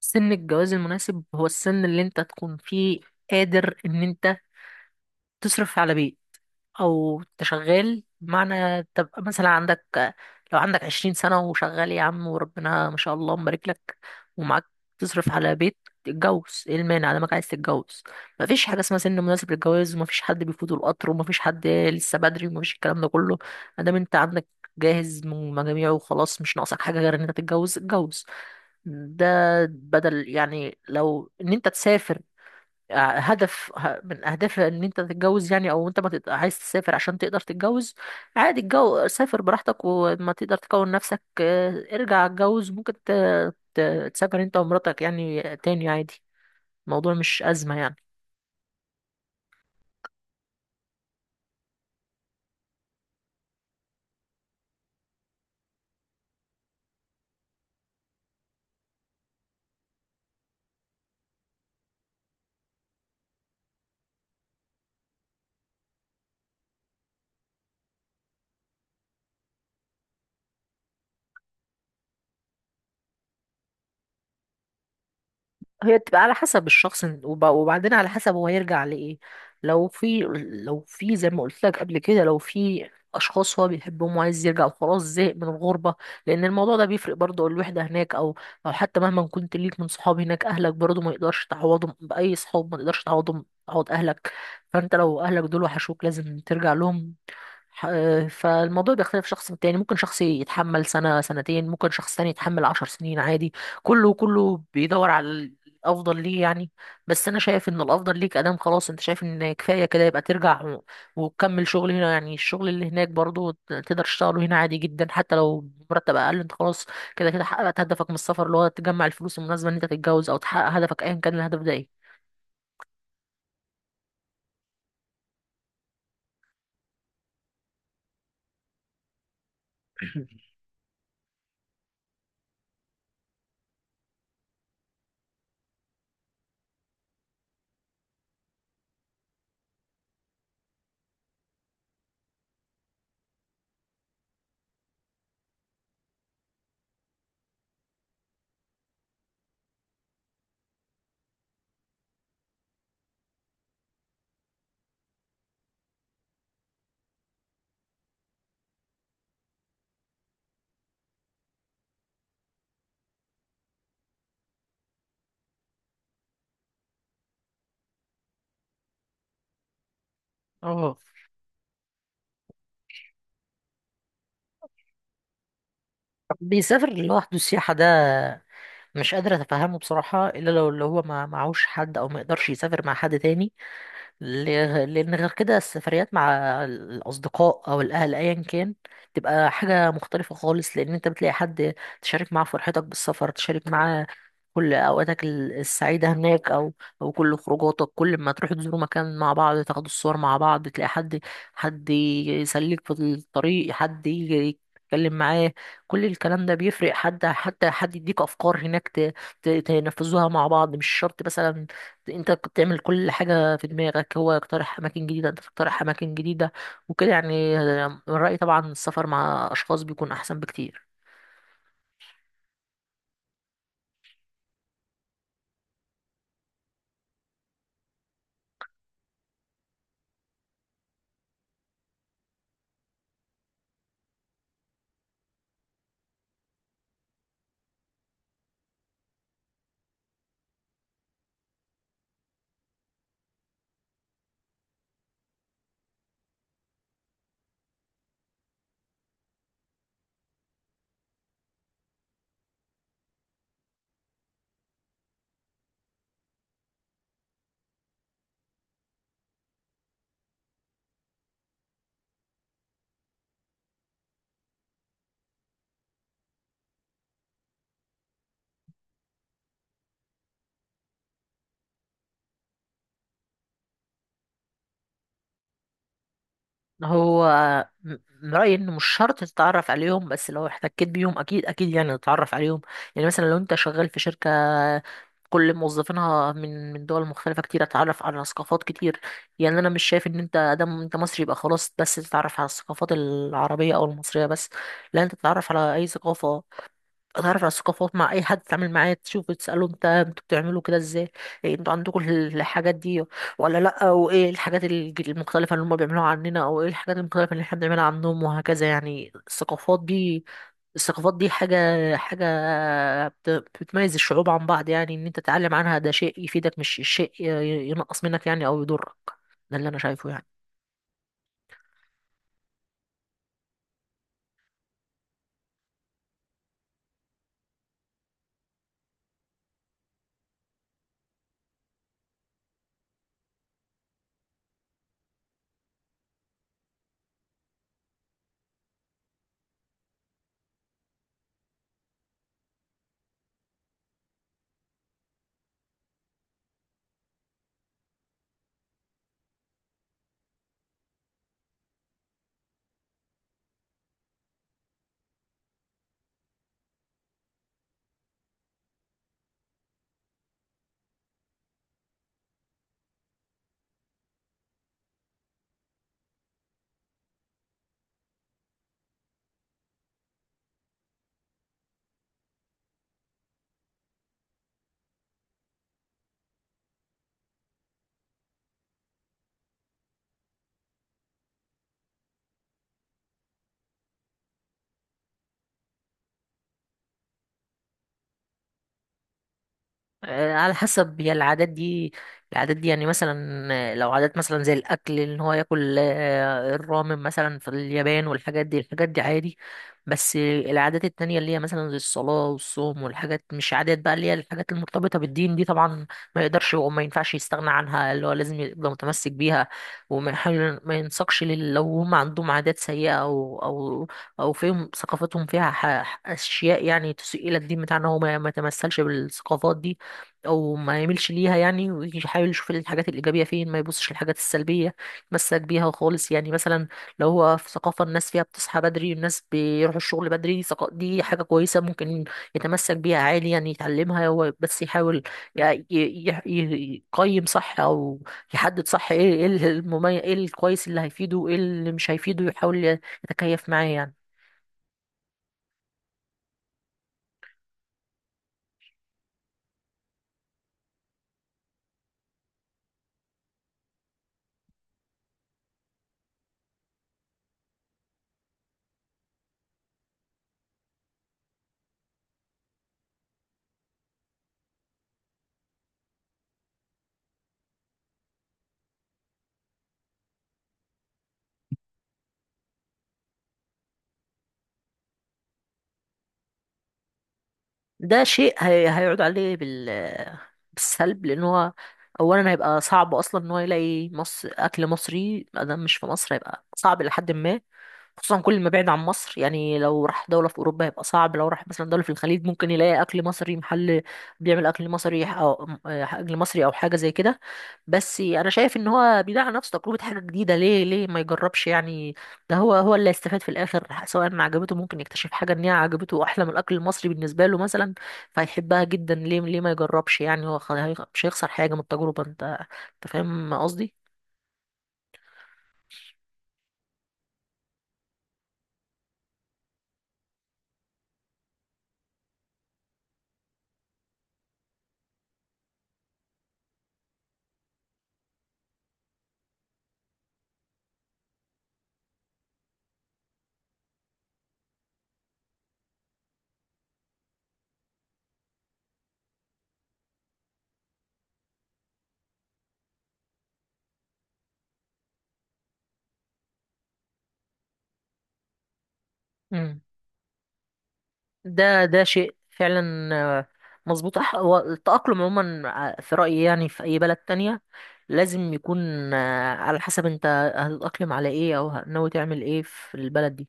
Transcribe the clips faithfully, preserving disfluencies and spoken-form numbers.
سن الجواز المناسب هو السن اللي انت تكون فيه قادر ان انت تصرف على بيت او تشغال، بمعنى تبقى مثلا عندك. لو عندك عشرين سنة وشغال يا عم وربنا ما شاء الله مبارك لك ومعاك تصرف على بيت، تتجوز. ايه المانع لما عايز تتجوز؟ مفيش حاجة اسمها سن مناسب للجواز، ومفيش حد بيفوته القطر، ومفيش حد لسه بدري، ومفيش الكلام ده كله. ادام انت عندك جاهز من مجاميعه وخلاص مش ناقصك حاجة غير ان انت تتجوز، اتجوز. ده بدل يعني لو ان انت تسافر ع- هدف ه- من اهداف ان انت تتجوز يعني، او انت ما تت- عايز تسافر عشان تقدر تتجوز. عادي، الجو سافر براحتك، وما تقدر تكون نفسك آه، ارجع اتجوز. ممكن ت- ت- تسافر انت ومراتك يعني تاني عادي. الموضوع مش ازمة يعني. هي بتبقى على حسب الشخص وب- وبعدين على حسب هو يرجع لإيه. لو في لو في زي ما قلت لك قبل كده، لو في أشخاص هو بيحبهم وعايز يرجع وخلاص زهق من الغربة، لأن الموضوع ده بيفرق برضه. الوحدة هناك، أو أو حتى مهما كنت ليك من صحاب هناك، أهلك برضه ما يقدرش تعوضهم بأي صحاب. ما تقدرش تعوضهم، تعوض أهلك. فأنت لو أهلك دول وحشوك لازم ترجع لهم. ح- فالموضوع بيختلف شخص من تاني. ممكن شخص يتحمل سنة سنتين، ممكن شخص تاني يتحمل عشر سنين عادي. كله كله بيدور على الأفضل ليه يعني. بس أنا شايف إن الأفضل ليك أدام خلاص أنت شايف إن كفاية كده، يبقى ترجع و- وتكمل شغل هنا يعني. الشغل اللي هناك برضو ت- تقدر تشتغله هنا عادي جدا، حتى لو مرتب أقل. أنت خلاص كده كده حققت هدفك من السفر، اللي هو تجمع الفلوس المناسبة إن أنت تتجوز، أو تحقق هدفك أيا كان الهدف ده إيه. اه. بيسافر لوحده السياحة ده مش قادر اتفهمه بصراحة، الا لو اللي هو ما معهوش حد او ما يقدرش يسافر مع حد تاني. ل- لأن غير كده السفريات مع الأصدقاء أو الأهل أيا كان تبقى حاجة مختلفة خالص، لأن أنت بتلاقي حد تشارك معاه فرحتك بالسفر، تشارك معاه كل أوقاتك ال- السعيدة هناك، أو أو كل خروجاتك. كل ما تروح تزوروا مكان مع بعض، تاخدوا الصور مع بعض، تلاقي حد، حد يسليك في الطريق، حد يجي يتكلم معاه. كل الكلام ده بيفرق. حد حتى حد يديك أفكار هناك ت- ت- تنفذوها مع بعض. مش شرط مثلا انت كنت تعمل كل حاجة في دماغك، هو يقترح أماكن جديدة، انت تقترح أماكن جديدة، وكده يعني. من رأيي طبعا السفر مع أشخاص بيكون أحسن بكتير. هو م- من رأيي إن مش شرط تتعرف عليهم، بس لو احتكيت بيهم أكيد أكيد يعني تتعرف عليهم. يعني مثلا لو أنت شغال في شركة كل موظفينها من من دول مختلفة كتير، اتعرف على ثقافات كتير. يعني انا مش شايف ان انت ادم انت مصري يبقى خلاص بس تتعرف على الثقافات العربية او المصرية بس. لا، انت تتعرف على اي ثقافة. اتعرف على الثقافات مع اي حد تتعامل معاه، تشوفه تساله انت انتوا بتعملوا كده ازاي؟ إيه انتوا عندكم الحاجات دي ولا لا؟ وايه الحاجات الج- المختلفه اللي هم بيعملوها عننا، او ايه الحاجات المختلفه اللي احنا بنعملها عنهم، وهكذا يعني. الثقافات دي، الثقافات دي حاجه، حاجه بت- بتميز الشعوب عن بعض. يعني ان انت تتعلم عنها ده شيء يفيدك، مش شيء ي- ينقص منك يعني او يضرك. ده اللي انا شايفه يعني. آه، على حسب هي العادات دي. العادات دي يعني مثلا آه، لو عادات مثلا زي الاكل ان هو ياكل آه، الرامن مثلا في اليابان والحاجات دي، الحاجات دي عادي. بس آه، العادات التانية اللي هي مثلا زي الصلاة والصوم والحاجات، مش عادات بقى، اللي هي الحاجات المرتبطة بالدين دي طبعا ما يقدرش وما ينفعش يستغنى عنها، اللي هو لازم يبقى متمسك بيها. وما يحاول ما ينساقش لل- لو هم عندهم عادات سيئة، او او او فيهم ثقافتهم فيها ح- ح- اشياء يعني تسيء الى الدين بتاعنا، هو ما ما يتمثلش بالثقافات دي او ما يميلش ليها يعني، ويحاول يشوف الحاجات الايجابيه فين، ما يبصش للحاجات السلبيه يتمسك بيها خالص. يعني مثلا لو هو في ثقافه الناس فيها بتصحى بدري، والناس بيروحوا الشغل بدري، دي ثقا- دي حاجه كويسه ممكن يتمسك بيها عالي يعني، يتعلمها هو بس يحاول ي- ي- ي- يقيم صح، او يحدد صح ايه، ايه المميز، ايه الكويس اللي هيفيده وايه اللي مش هيفيده، يحاول يتكيف معاه يعني. ده شيء هي... هيعود عليه بال... بالسلب، لان هو اولا هيبقى صعب اصلا ان هو يلاقي مصر اكل مصري ما دام مش في مصر، هيبقى صعب لحد ما، خصوصا كل ما بعيد عن مصر. يعني لو راح دولة في أوروبا هيبقى صعب. لو راح مثلا دولة في الخليج ممكن يلاقي أكل مصري، محل بيعمل أكل مصري أو أكل مصري أو حاجة زي كده. بس أنا شايف إن هو بيدعي على نفسه تجربة حاجة جديدة. ليه ليه ما يجربش يعني؟ ده هو هو اللي هيستفاد في الآخر. سواء ما عجبته، ممكن يكتشف حاجة إن هي عجبته أحلى من الأكل المصري بالنسبة له مثلا، فهيحبها جدا. ليه ليه ما يجربش يعني؟ هو خ- هيخ- مش هيخسر حاجة من التجربة. انت انت فاهم قصدي. مم. ده ده شيء فعلا آه، مظبوط. أح- هو التأقلم عموما آه، في رأيي يعني في أي بلد تانية لازم يكون آه، على حسب انت هتتأقلم على ايه، او ه- ناوي تعمل ايه في البلد دي.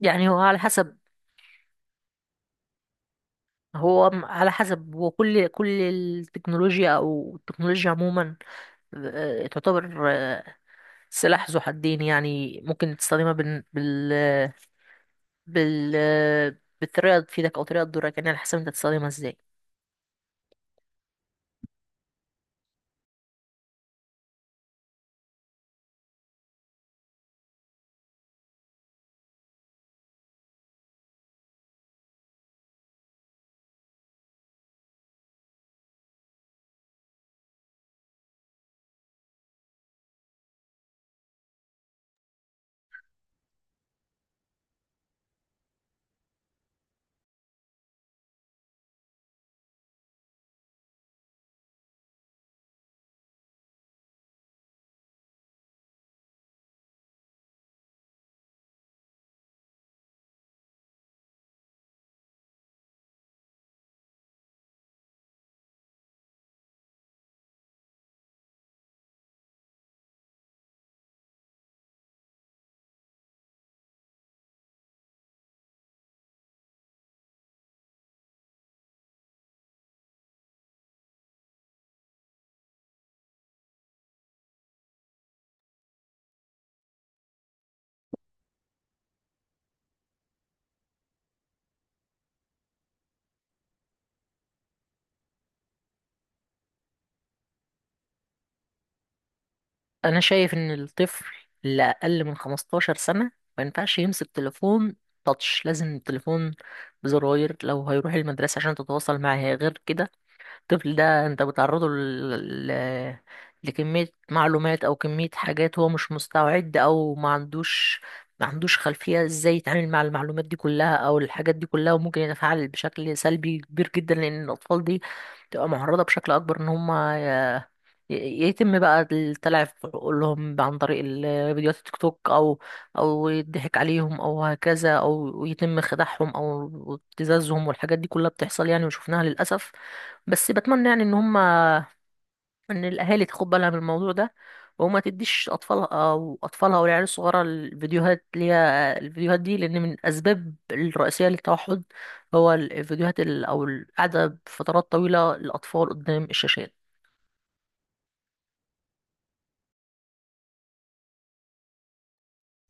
يعني هو على حسب. هو م- على حسب. وكل كل التكنولوجيا او التكنولوجيا عموما آه، تعتبر آه، سلاح ذو حدين يعني. ممكن تستخدمها بال... بال... بال بالطريقة اللي تفيدك، أو طريقة تضرك يعني. على حسب أنت تستخدمها ازاي. أنا شايف إن الطفل اللي أقل من 15 سنة ما ينفعش يمسك تليفون تاتش. لازم التليفون بزراير لو هيروح المدرسة عشان تتواصل معاه. غير كده الطفل ده انت بتعرضه ل... ل... لكمية معلومات او كمية حاجات هو مش مستعد، او ما عندوش، ما عندوش خلفية ازاي يتعامل مع المعلومات دي كلها او الحاجات دي كلها، وممكن يتفاعل بشكل سلبي كبير جدا. لان الاطفال دي تبقى معرضة بشكل اكبر ان هم ي... ي- يتم بقى التلعب في عقولهم عن طريق ال- فيديوهات التيك توك، او او يضحك عليهم او هكذا، او يتم خداعهم او ابتزازهم والحاجات دي كلها بتحصل يعني وشفناها للاسف. بس بتمنى يعني ان هم، ان الاهالي تاخد بالها من الموضوع ده، وما تديش اطفالها او اطفالها والعيال الصغيره الفيديوهات اللي هي الفيديوهات دي، لان من الاسباب الرئيسيه للتوحد هو الفيديوهات ال- او القعده فترات طويله للاطفال قدام الشاشات.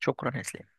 شكرا يا اسلام.